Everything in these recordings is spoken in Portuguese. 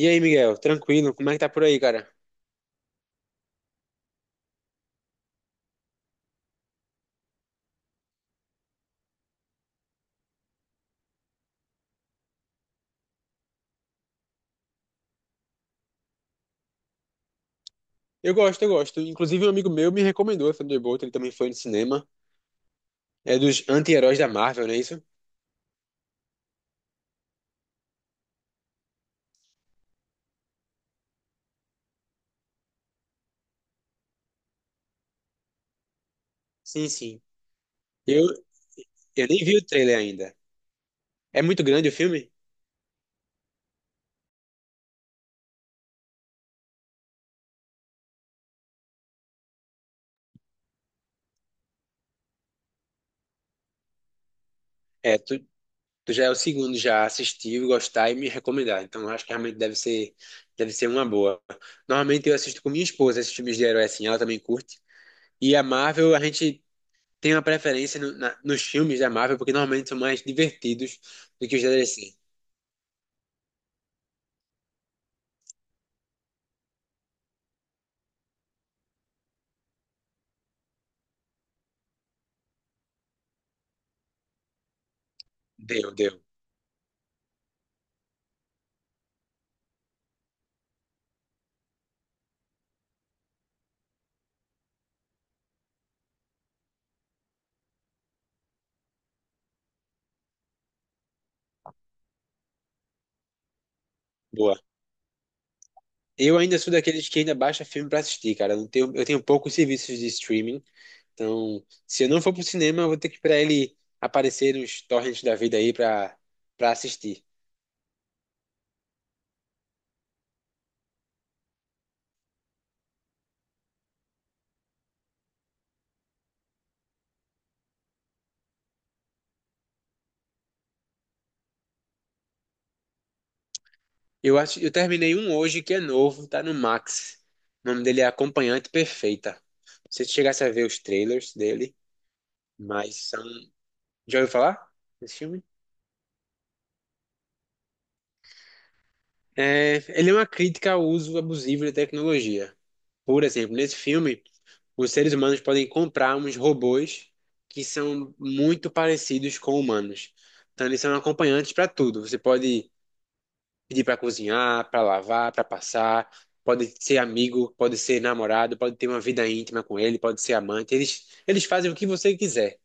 E aí, Miguel, tranquilo? Como é que tá por aí, cara? Eu gosto. Inclusive, um amigo meu me recomendou essa Thunderbolt, ele também foi no cinema. É dos anti-heróis da Marvel, não é isso? Sim, sim. Eu, eu nem vi o trailer ainda. É muito grande o filme? É, tu já é o segundo já a assistir, gostar e me recomendar. Então, eu acho que realmente deve ser uma boa. Normalmente, eu assisto com minha esposa esses filmes de herói assim, ela também curte. E a Marvel, a gente tem uma preferência nos filmes da Marvel, porque normalmente são mais divertidos do que os da DC. Deu, deu. Boa. Eu ainda sou daqueles que ainda baixa filme pra assistir, cara. Eu não tenho, eu tenho poucos serviços de streaming, então se eu não for pro cinema, eu vou ter que esperar ele aparecer nos torrents da vida aí pra assistir. Eu acho, eu terminei um hoje que é novo, tá no Max. O nome dele é Acompanhante Perfeita. Não sei se chegasse a ver os trailers dele, mas são. Já ouviu falar desse filme? É, ele é uma crítica ao uso abusivo da tecnologia. Por exemplo, nesse filme, os seres humanos podem comprar uns robôs que são muito parecidos com humanos. Então, eles são acompanhantes para tudo. Você pode pedir para cozinhar, para lavar, para passar, pode ser amigo, pode ser namorado, pode ter uma vida íntima com ele, pode ser amante. Eles fazem o que você quiser.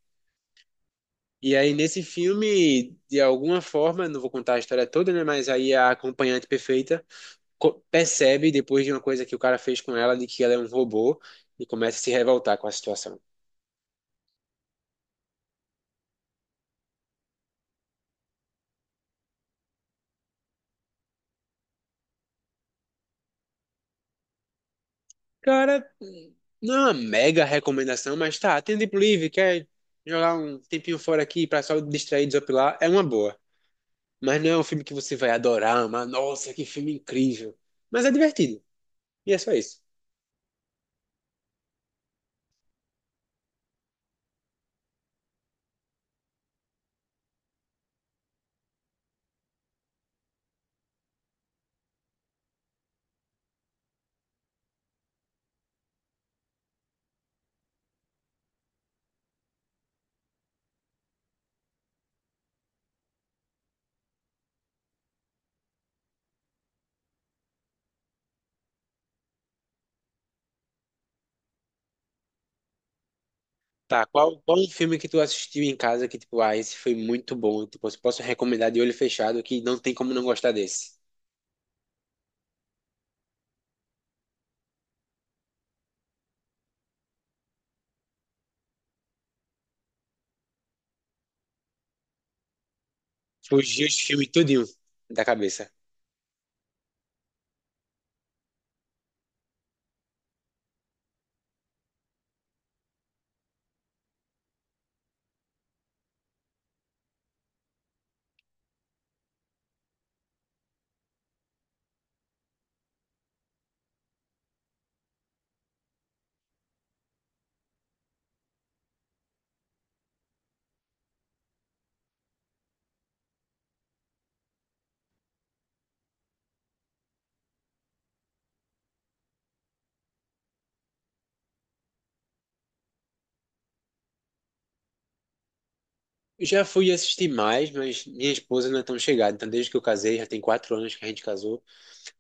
E aí, nesse filme, de alguma forma, não vou contar a história toda, né? Mas aí a acompanhante perfeita percebe depois de uma coisa que o cara fez com ela, de que ela é um robô, e começa a se revoltar com a situação. Cara, não é uma mega recomendação, mas tá, tem tempo livre, quer jogar um tempinho fora aqui pra só distrair, desopilar, é uma boa. Mas não é um filme que você vai adorar, mas nossa, que filme incrível. Mas é divertido. E é só isso. Tá, qual um filme que tu assistiu em casa que, tipo, ah, esse foi muito bom, tipo, eu posso recomendar de olho fechado que não tem como não gostar desse. Fugiu esse filme tudinho da cabeça. Já fui assistir mais, mas minha esposa não é tão chegada. Então, desde que eu casei, já tem quatro anos que a gente casou,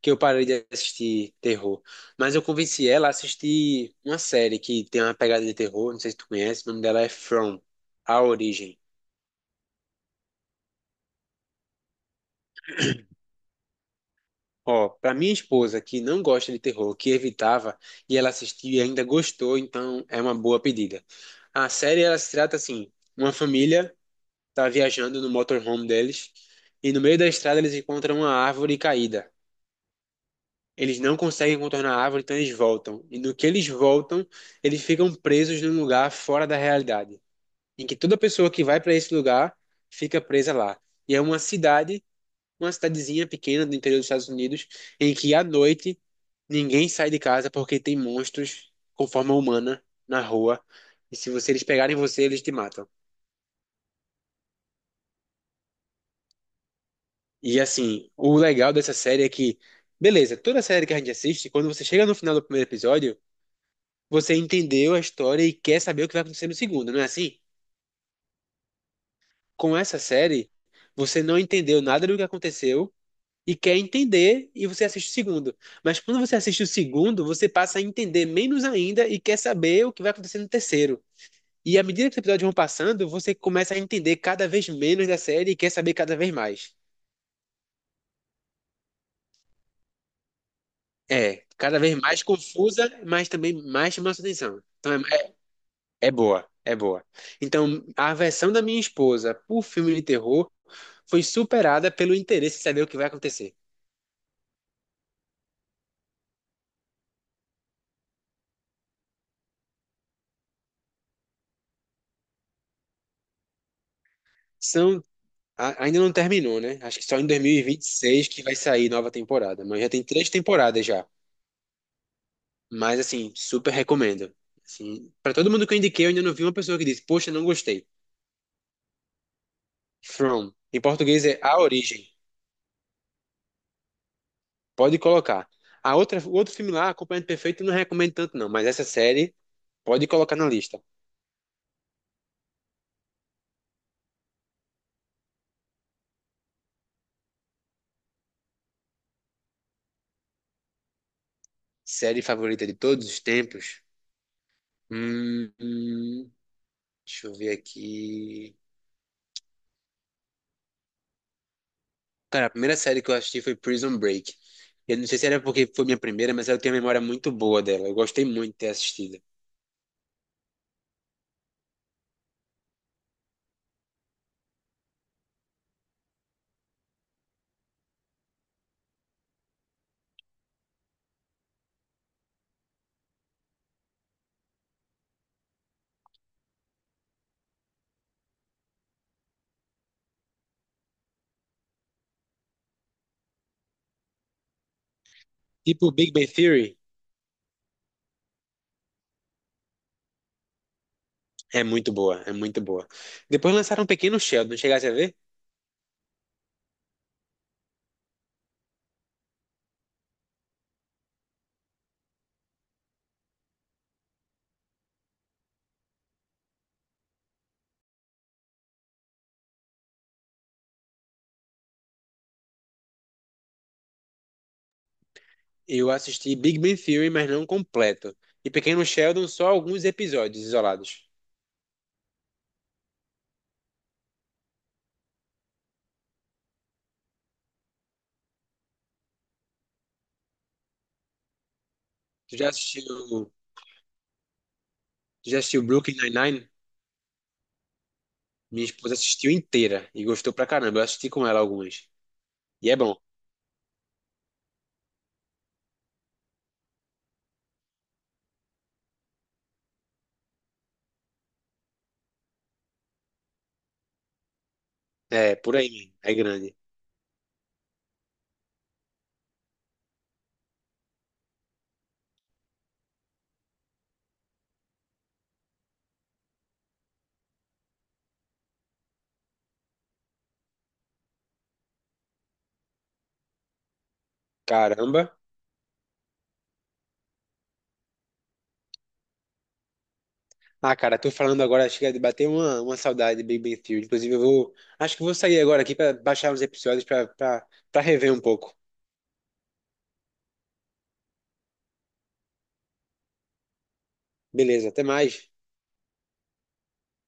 que eu parei de assistir terror. Mas eu convenci ela a assistir uma série que tem uma pegada de terror, não sei se tu conhece, o nome dela é From, A Origem. Ó, pra minha esposa que não gosta de terror, que evitava, e ela assistiu e ainda gostou, então é uma boa pedida. A série, ela se trata assim, uma família tá viajando no motorhome deles, e no meio da estrada eles encontram uma árvore caída. Eles não conseguem contornar a árvore, então eles voltam. E no que eles voltam, eles ficam presos num lugar fora da realidade, em que toda pessoa que vai para esse lugar fica presa lá. E é uma cidade, uma cidadezinha pequena do interior dos Estados Unidos, em que à noite ninguém sai de casa porque tem monstros com forma humana na rua. E se você, eles pegarem você, eles te matam. E assim, o legal dessa série é que, beleza, toda série que a gente assiste, quando você chega no final do primeiro episódio, você entendeu a história e quer saber o que vai acontecer no segundo, não é assim? Com essa série, você não entendeu nada do que aconteceu e quer entender e você assiste o segundo. Mas quando você assiste o segundo, você passa a entender menos ainda e quer saber o que vai acontecer no terceiro. E à medida que os episódios vão passando, você começa a entender cada vez menos da série e quer saber cada vez mais. É, cada vez mais confusa, mas também mais chama sua atenção. É boa, é boa. Então, a versão da minha esposa por filme de terror foi superada pelo interesse em saber o que vai acontecer. São, ainda não terminou, né? Acho que só em 2026 que vai sair nova temporada, mas já tem três temporadas já. Mas assim, super recomendo. Assim, para todo mundo que eu indiquei, eu ainda não vi uma pessoa que disse: "Poxa, não gostei". From, em português é A Origem. Pode colocar. A outra, o outro filme lá, Acompanhamento Perfeito, eu não recomendo tanto não, mas essa série pode colocar na lista. Série favorita de todos os tempos. Hum, hum, deixa eu ver aqui. Cara, a primeira série que eu assisti foi Prison Break. Eu não sei se era porque foi minha primeira, mas eu tenho uma memória muito boa dela. Eu gostei muito de ter assistido. Tipo, Big Bang Theory é muito boa, é muito boa. Depois lançaram Pequeno Sheldon, chegasse a ver? Eu assisti Big Bang Theory, mas não completo. E Pequeno Sheldon, só alguns episódios isolados. Tu já assistiu, tu já assistiu Brooklyn Nine-Nine? Minha esposa assistiu inteira e gostou pra caramba. Eu assisti com ela algumas. E é bom. É, por aí, mesmo. É grande. Caramba. Ah, cara, tô falando agora, chega de bater uma saudade de Big Bang Theory. Inclusive, eu vou. Acho que vou sair agora aqui pra baixar uns episódios pra rever um pouco. Beleza, até mais.